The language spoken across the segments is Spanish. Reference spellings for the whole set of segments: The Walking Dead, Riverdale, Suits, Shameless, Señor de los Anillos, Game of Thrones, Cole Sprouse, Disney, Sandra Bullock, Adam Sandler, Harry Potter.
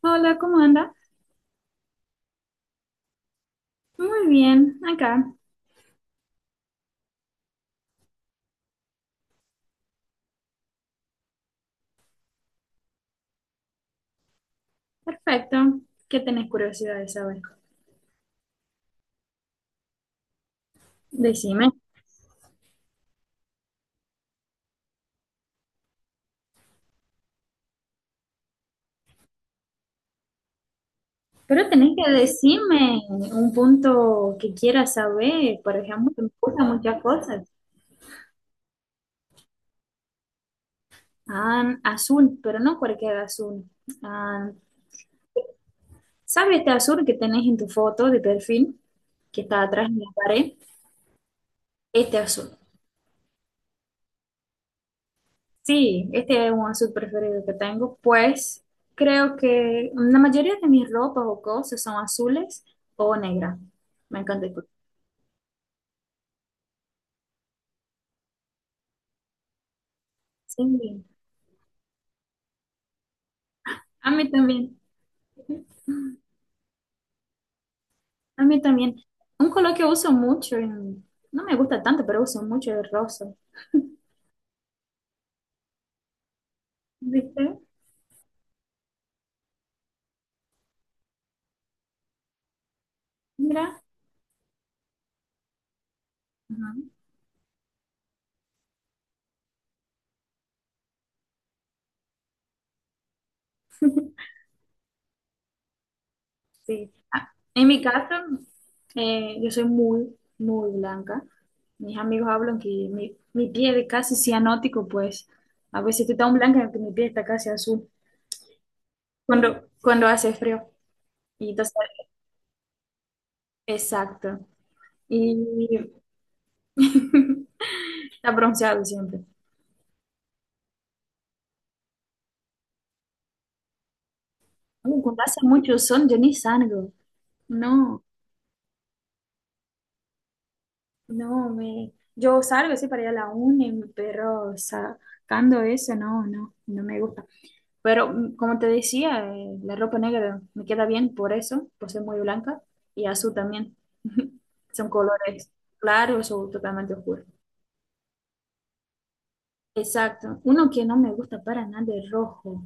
Hola, ¿cómo anda? Muy bien, acá. Perfecto. ¿Qué tenés curiosidad de saber? Decime. Pero tenés que decirme un punto que quieras saber. Por ejemplo, me gustan muchas cosas. Ah, azul, pero no cualquier azul. Ah, ¿sabes este azul que tenés en tu foto de perfil? Que está atrás de la pared. Este azul. Sí, este es un azul preferido que tengo, pues creo que la mayoría de mis ropas o cosas son azules o negras. Me encanta el color. Sí, a mí también, a mí también. Un color que uso mucho, no me gusta tanto, pero uso mucho el rosa. ¿Viste? Mira. Ajá, sí. Ah, en mi caso, yo soy muy, muy blanca. Mis amigos hablan que mi piel es casi cianótico, pues a veces estoy tan blanca que mi piel está casi azul. Cuando hace frío. Y entonces, exacto. Y está bronceado siempre. Cuando hace mucho sol, yo ni salgo. No, no, me... Yo salgo sí para ir a la uni, pero sacando eso, no, no, no me gusta. Pero como te decía, la ropa negra me queda bien por eso, por ser muy blanca, y azul también. Son colores claros o totalmente oscuros. Exacto. Uno que no me gusta para nada es rojo.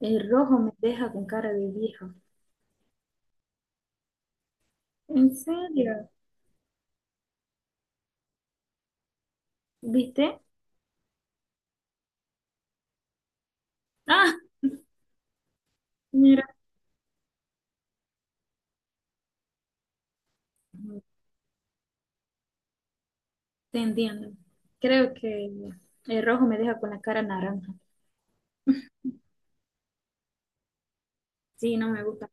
El rojo me deja con cara de vieja. ¿En serio? ¿Viste? Ah, mira, te entiendo. Creo que el rojo me deja con la cara naranja. Sí, no me gusta.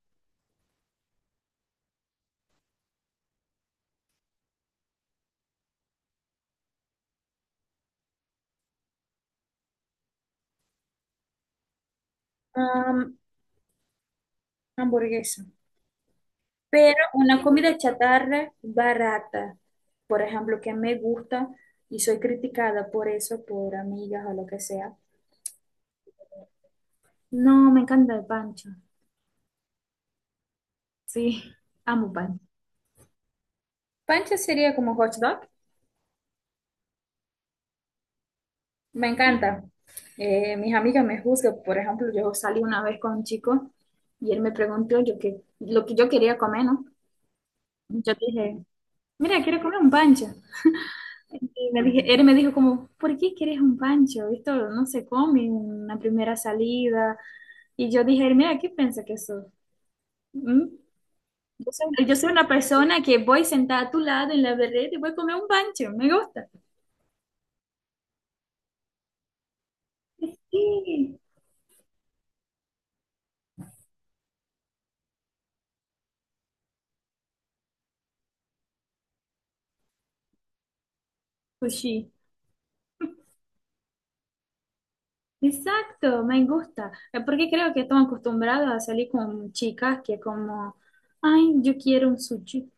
Am, hamburguesa. Pero una comida chatarra barata, por ejemplo, que me gusta y soy criticada por eso, por amigas o lo que sea. No, me encanta el pancho. Sí, amo pancho. Pancho sería como hot dog. Me encanta. Mis amigas me juzgan. Por ejemplo, yo salí una vez con un chico y él me preguntó lo que yo quería comer, ¿no? Yo dije, mira, quiero comer un pancho. Y me dije, él me dijo como, ¿por qué quieres un pancho? Esto no se come en la primera salida. Y yo dije, mira, ¿qué piensa que eso? Yo yo soy una persona que voy sentada a tu lado en la vereda y voy a comer un pancho. Me gusta. Sí, sushi. Exacto, me gusta, porque creo que están acostumbrados a salir con chicas que como, ay, yo quiero un sushi.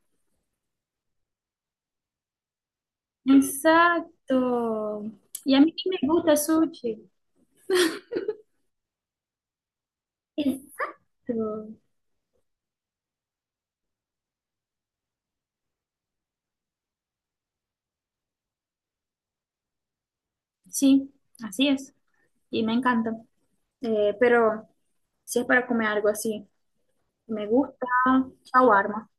Exacto. Y a mí sí me gusta sushi. Exacto. Sí, así es. Y me encanta. Pero si es para comer algo así, me gusta shawarma.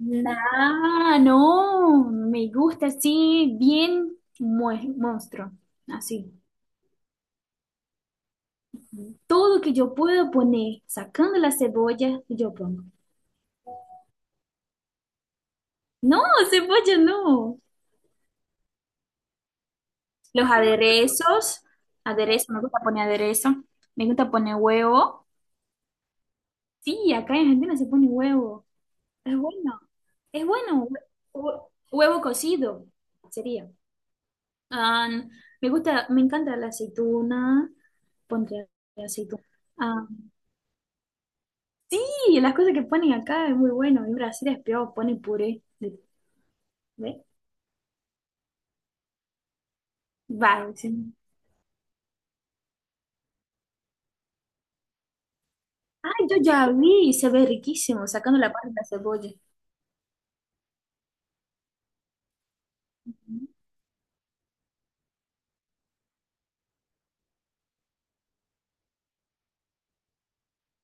Nah, no, me gusta así, monstruo, así. Tudo que eu puedo poner, sacando la cebolla, eu pongo. No, cebolla no. Los aderezos, me gusta poner aderezo, me gusta poner huevo. Sí, acá en Argentina se pone huevo. Es bueno, es bueno. Hue- Huevo cocido sería. Ah, me gusta, me encanta la aceituna, pondré aceituna. Ah, sí, las cosas que ponen acá es muy bueno. En Brasil es peor, ponen puré. ¿Ve? Va, sí. Ay, yo ya vi, se ve riquísimo, sacando la parte de la cebolla. Ujú.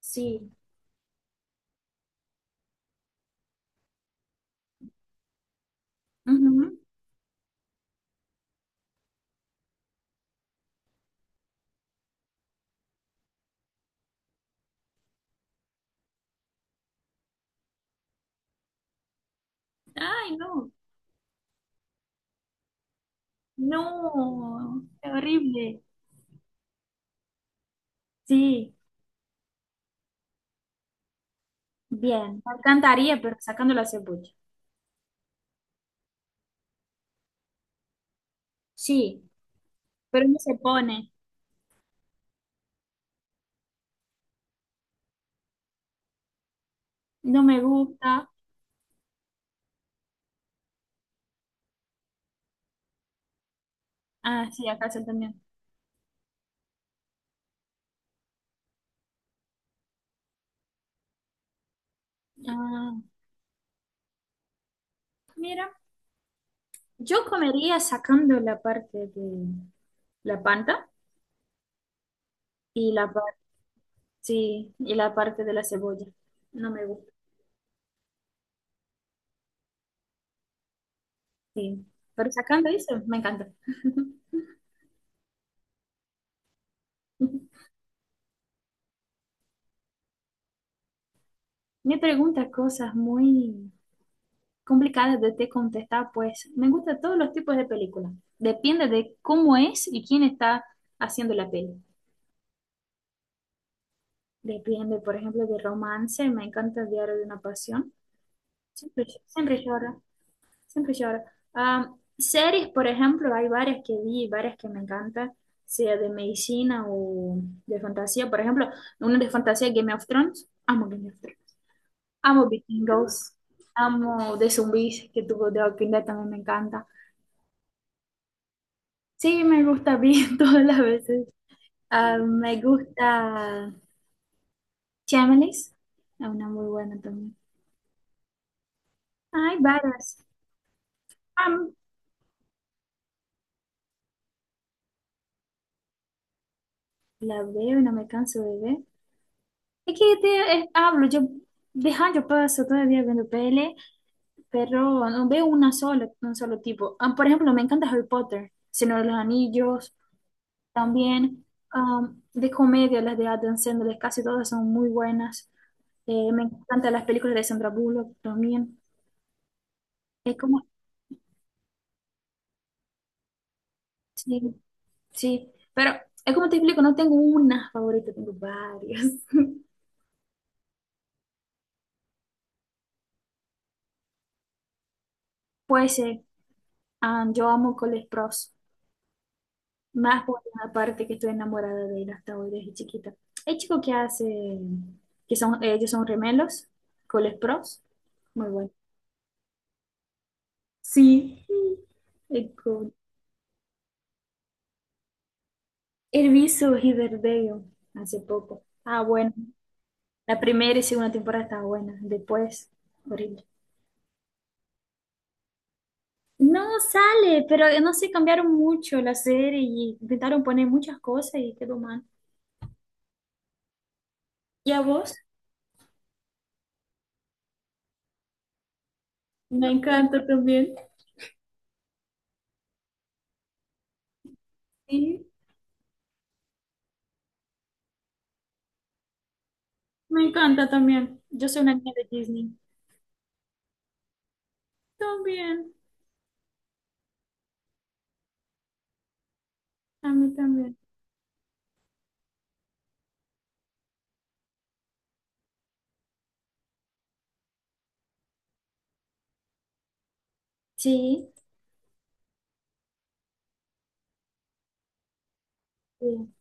Sí. Ujú. Ay, no, no, qué horrible. Sí, bien, me encantaría, pero sacando la cebolla. Sí, pero no se pone, no me gusta. Ah, sí, acá se también. Ah, mira, yo comería sacando la parte de la panta y la parte, sí, y la parte de la cebolla. No me gusta, sí. Pero sacando eso, me encanta. Me pregunta cosas muy complicadas de te contestar, pues me gustan todos los tipos de películas. Depende de cómo es y quién está haciendo la peli. Depende, por ejemplo, de romance. Me encanta el Diario de una Pasión. Siempre, siempre lloro, siempre lloro. Ah, series, por ejemplo, hay varias que vi, varias que me encantan, sea de medicina o de fantasía. Por ejemplo, una de fantasía, Game of Thrones. Amo Game of Thrones. Amo Vikingos, amo de zombies que tuvo The Walking Dead, también me encanta. Sí, me gusta bien todas las veces. Ah, me gusta Shameless, es una muy buena también. Hay varias. Am, la veo y no me canso de ver. Es que te, hablo, yo de años paso todavía viendo pele, pero no veo una sola, un solo tipo. Ah, por ejemplo, me encanta Harry Potter, Señor de los Anillos, también de comedia, las de Adam Sandler, casi todas son muy buenas. Me encantan las películas de Sandra Bullock también. Es como, sí, sí, pero es como te explico, no tengo una favorita, tengo varias. Pues yo amo Cole Sprouse, más por la parte que estoy enamorada de él hasta hoy desde chiquita. El chico que hace, que son, ellos son gemelos, Cole Sprouse, muy bueno. Sí. Es he visto Riverdale hace poco. Ah, bueno. La primera y segunda temporada está buena. Después, horrible. No sale, pero no sé, cambiaron mucho la serie y intentaron poner muchas cosas y quedó mal. ¿Y a vos? Me encanta también. Sí, me encanta también. Yo soy una niña de Disney. También, a mí también. Sí, sí.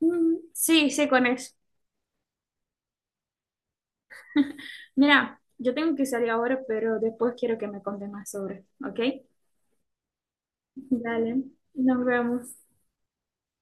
Mm, sí, sé con eso. Mira, yo tengo que salir ahora, pero después quiero que me contes más sobre, ¿ok? Dale, nos vemos.